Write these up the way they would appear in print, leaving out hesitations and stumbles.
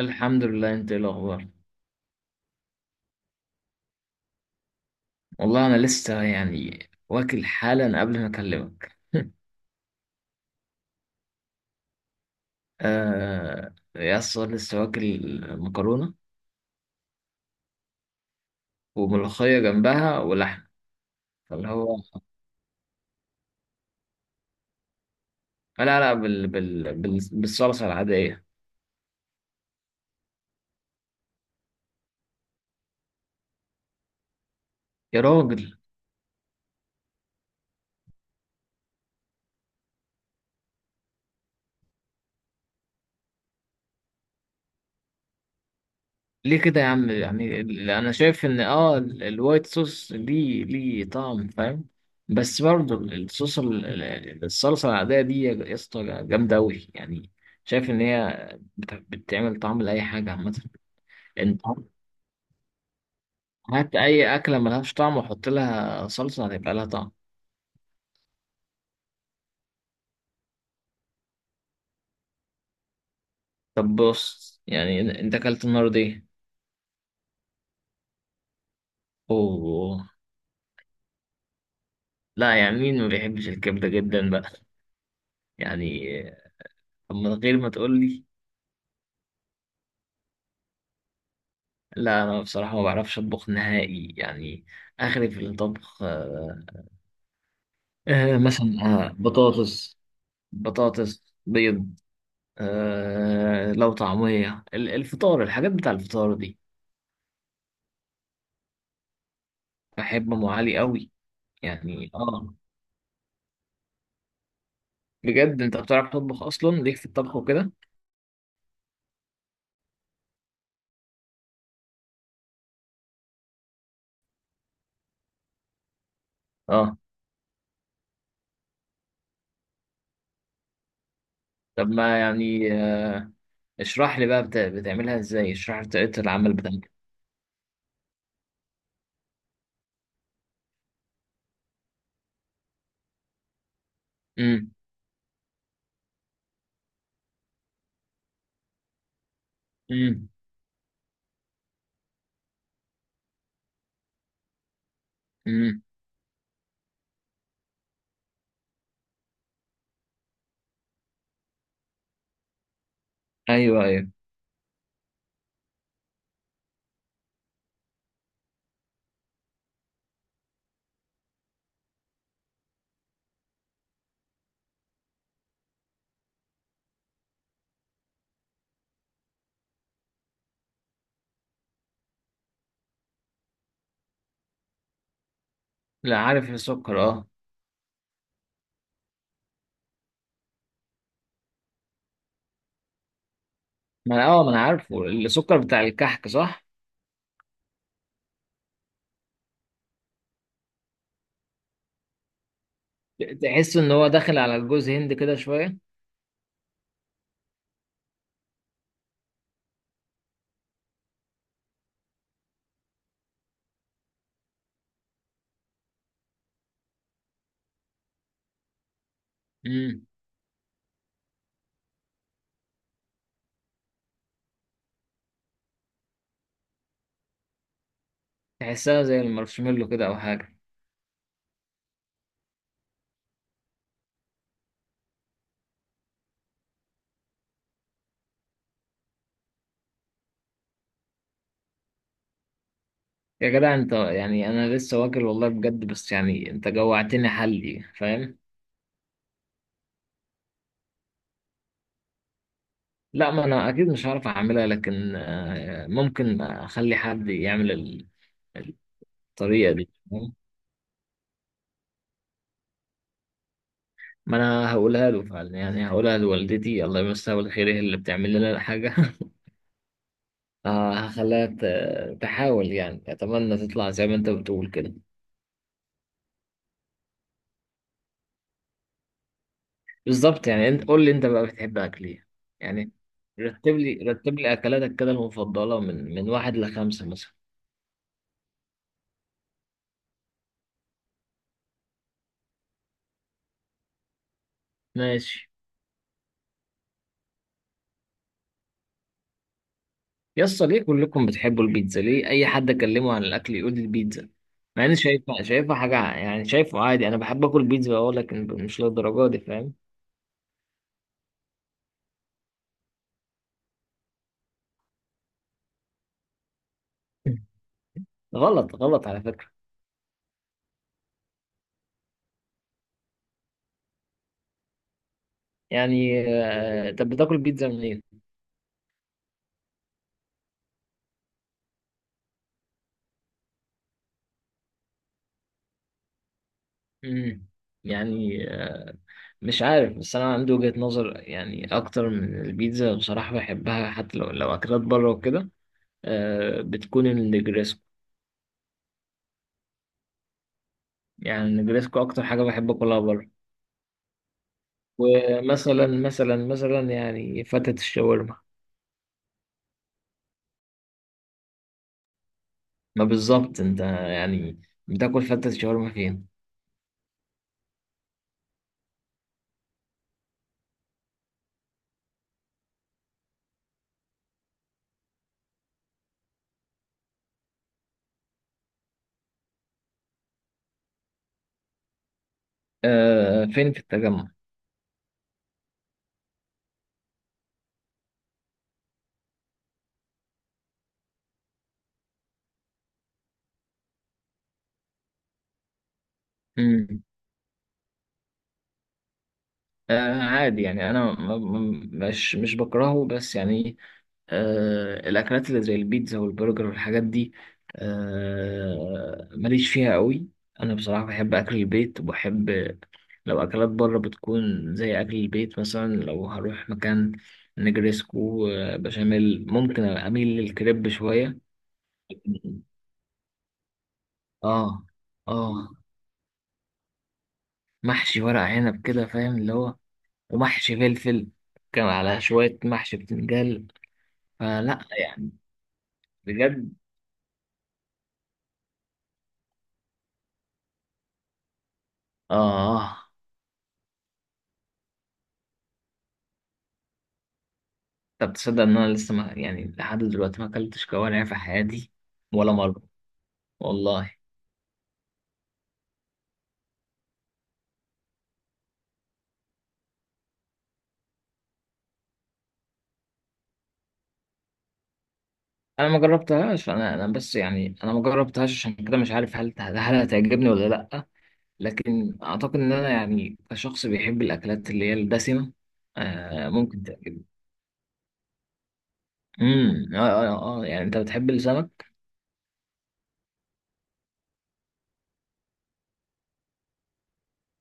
الحمد لله، انت ايه الاخبار؟ والله انا لسه يعني واكل حالا قبل ما اكلمك. آه يا اسطى، لسه واكل مكرونه، وملوخيه جنبها ولحم. فاللي هو لا لا، بالصلصه العاديه. يا راجل، ليه كده يا عم؟ يعني انا شايف ان الوايت صوص دي ليه طعم، فاهم؟ بس برضه الصوص الصلصه العاديه دي يا اسطى جامده قوي يعني. شايف ان هي بتعمل طعم لاي حاجه عامه. انت هات اي اكله ملهاش طعم وحط لها صلصه هتبقى لها طعم. طب بص، يعني انت اكلت النهارده ايه؟ اوه. لا يعني، مين ما بيحبش الكبده جدا بقى؟ يعني، طب من غير ما تقول لي، لا انا بصراحه ما بعرفش اطبخ نهائي يعني. اخري في الطبخ، آه. آه، مثلا آه، بطاطس، بطاطس بيض. آه لو طعميه الفطار، الحاجات بتاع الفطار دي. بحب ام علي قوي. يعني اه. بجد انت بتعرف تطبخ اصلا؟ ليك في الطبخ وكده. اه. طب ما يعني آه، اشرح لي بقى بتعملها ازاي؟ اشرح لي طريقه العمل بتاعتك. امم. امم. امم. ايوه، ايوه. لا، عارف السكر، اه. ما انا عارفه السكر بتاع الكحك، صح؟ تحس ان هو داخل على الجوز هند كده شويه. امم. تحسها زي المارشميلو كده او حاجه. يا جدع انت، يعني انا لسه واكل والله بجد، بس يعني انت جوعتني، حلي، فاهم؟ لا، ما انا اكيد مش هعرف اعملها، لكن آه، ممكن اخلي حد يعمل الطريقه دي، فاهم؟ ما انا هقولها له فعلا، يعني هقولها لوالدتي الله يمسها بالخير، هي اللي بتعمل لنا الحاجه. اه، هخليها تحاول، يعني اتمنى تطلع زي ما انت بتقول كده. بالظبط، يعني انت قول لي انت بقى بتحب اكل ايه؟ يعني، رتب لي اكلاتك كده المفضله من واحد لخمسه مثلا. ماشي. يا اسطى ليه كلكم بتحبوا البيتزا؟ ليه اي حد اكلمه عن الاكل يقول لي البيتزا؟ مع اني شايفها، شايفها حاجه يعني شايفه عادي. انا بحب اكل بيتزا، اقول لك مش للدرجه دي، فاهم؟ غلط، غلط على فكره. يعني آه، طب بتاكل بيتزا منين؟ امم. يعني آه، مش عارف، بس انا عندي وجهة نظر يعني اكتر من البيتزا، بصراحة بحبها حتى لو اكلات بره وكده، آه بتكون النجريسكو. يعني النجريسكو اكتر حاجة بحب اكلها بره. ومثلا مثلا مثلا يعني فتة الشاورما. ما بالظبط انت يعني، بتاكل فتة الشاورما فين؟ آه، فين في التجمع؟ آه عادي يعني، انا مش مش بكرهه، بس يعني آه الاكلات اللي زي البيتزا والبرجر والحاجات دي، آه ماليش فيها قوي. انا بصراحة بحب اكل البيت، وبحب لو اكلات بره بتكون زي اكل البيت. مثلا لو هروح مكان، نجريسكو، آه، بشاميل، ممكن اميل للكريب شوية. اه. اه. محشي ورق عنب كده فاهم، اللي هو، ومحشي فلفل، كان على شوية محشي بتنجان. فلا يعني. بجد. اه، طب تصدق ان انا لسه ما يعني لحد دلوقتي ما اكلتش كوارع في حياتي؟ ولا مره، والله. انا ما جربتهاش، انا بس يعني انا ما جربتهاش عشان كده مش عارف هل هتعجبني ولا لا. لكن اعتقد ان انا يعني كشخص بيحب الاكلات اللي هي الدسمه، آه ممكن تعجبني. امم، اه، اه، اه، آه. يعني انت بتحب السمك؟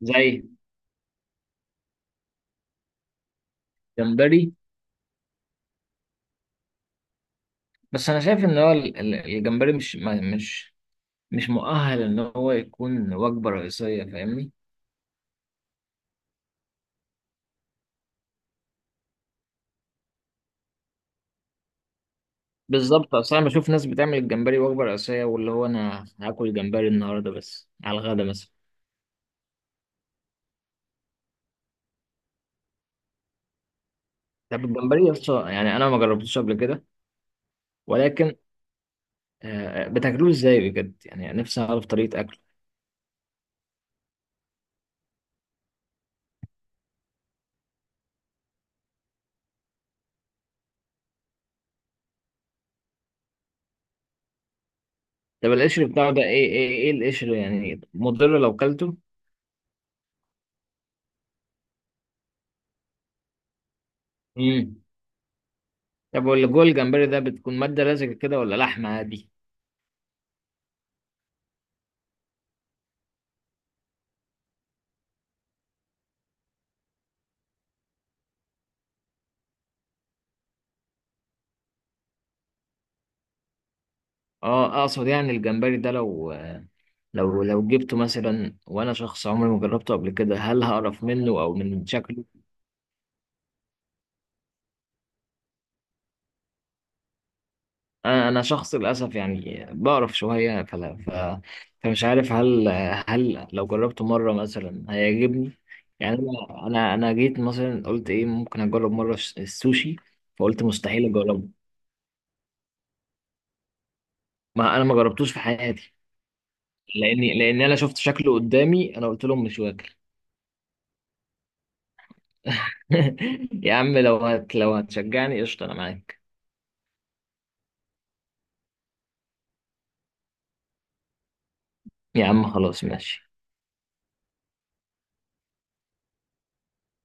زي، جمبري. بس انا شايف ان هو الجمبري مش ما- مش مش مؤهل ان هو يكون وجبه رئيسيه، فاهمني؟ بالظبط، اصل انا بشوف ناس بتعمل الجمبري وجبه رئيسيه، واللي هو انا هاكل جمبري النهارده بس على الغدا مثلا. طب الجمبري اصلا يعني انا ما جربتوش قبل كده، ولكن آه، بتاكلوه ازاي بجد؟ يعني نفسي اعرف طريقه اكله. طب القشر بتاعه ده ايه القشر يعني مضر لو كلته؟ امم. طب واللي جوه الجمبري ده بتكون ماده لزجه كده ولا لحمه عادي؟ اه، اقصد يعني الجمبري ده لو جبته مثلا وانا شخص عمري ما جربته قبل كده، هل هقرف منه او من شكله؟ انا شخص للاسف يعني بقرف شويه، فلا فمش عارف هل لو جربته مره مثلا هيعجبني. يعني انا جيت مثلا قلت ايه ممكن اجرب مره السوشي، فقلت مستحيل اجربه. ما انا ما جربتوش في حياتي. لان انا شفت شكله قدامي، انا قلت لهم مش واكل. يا عم لو هتشجعني قشطه انا معاك. يا عم خلاص ماشي.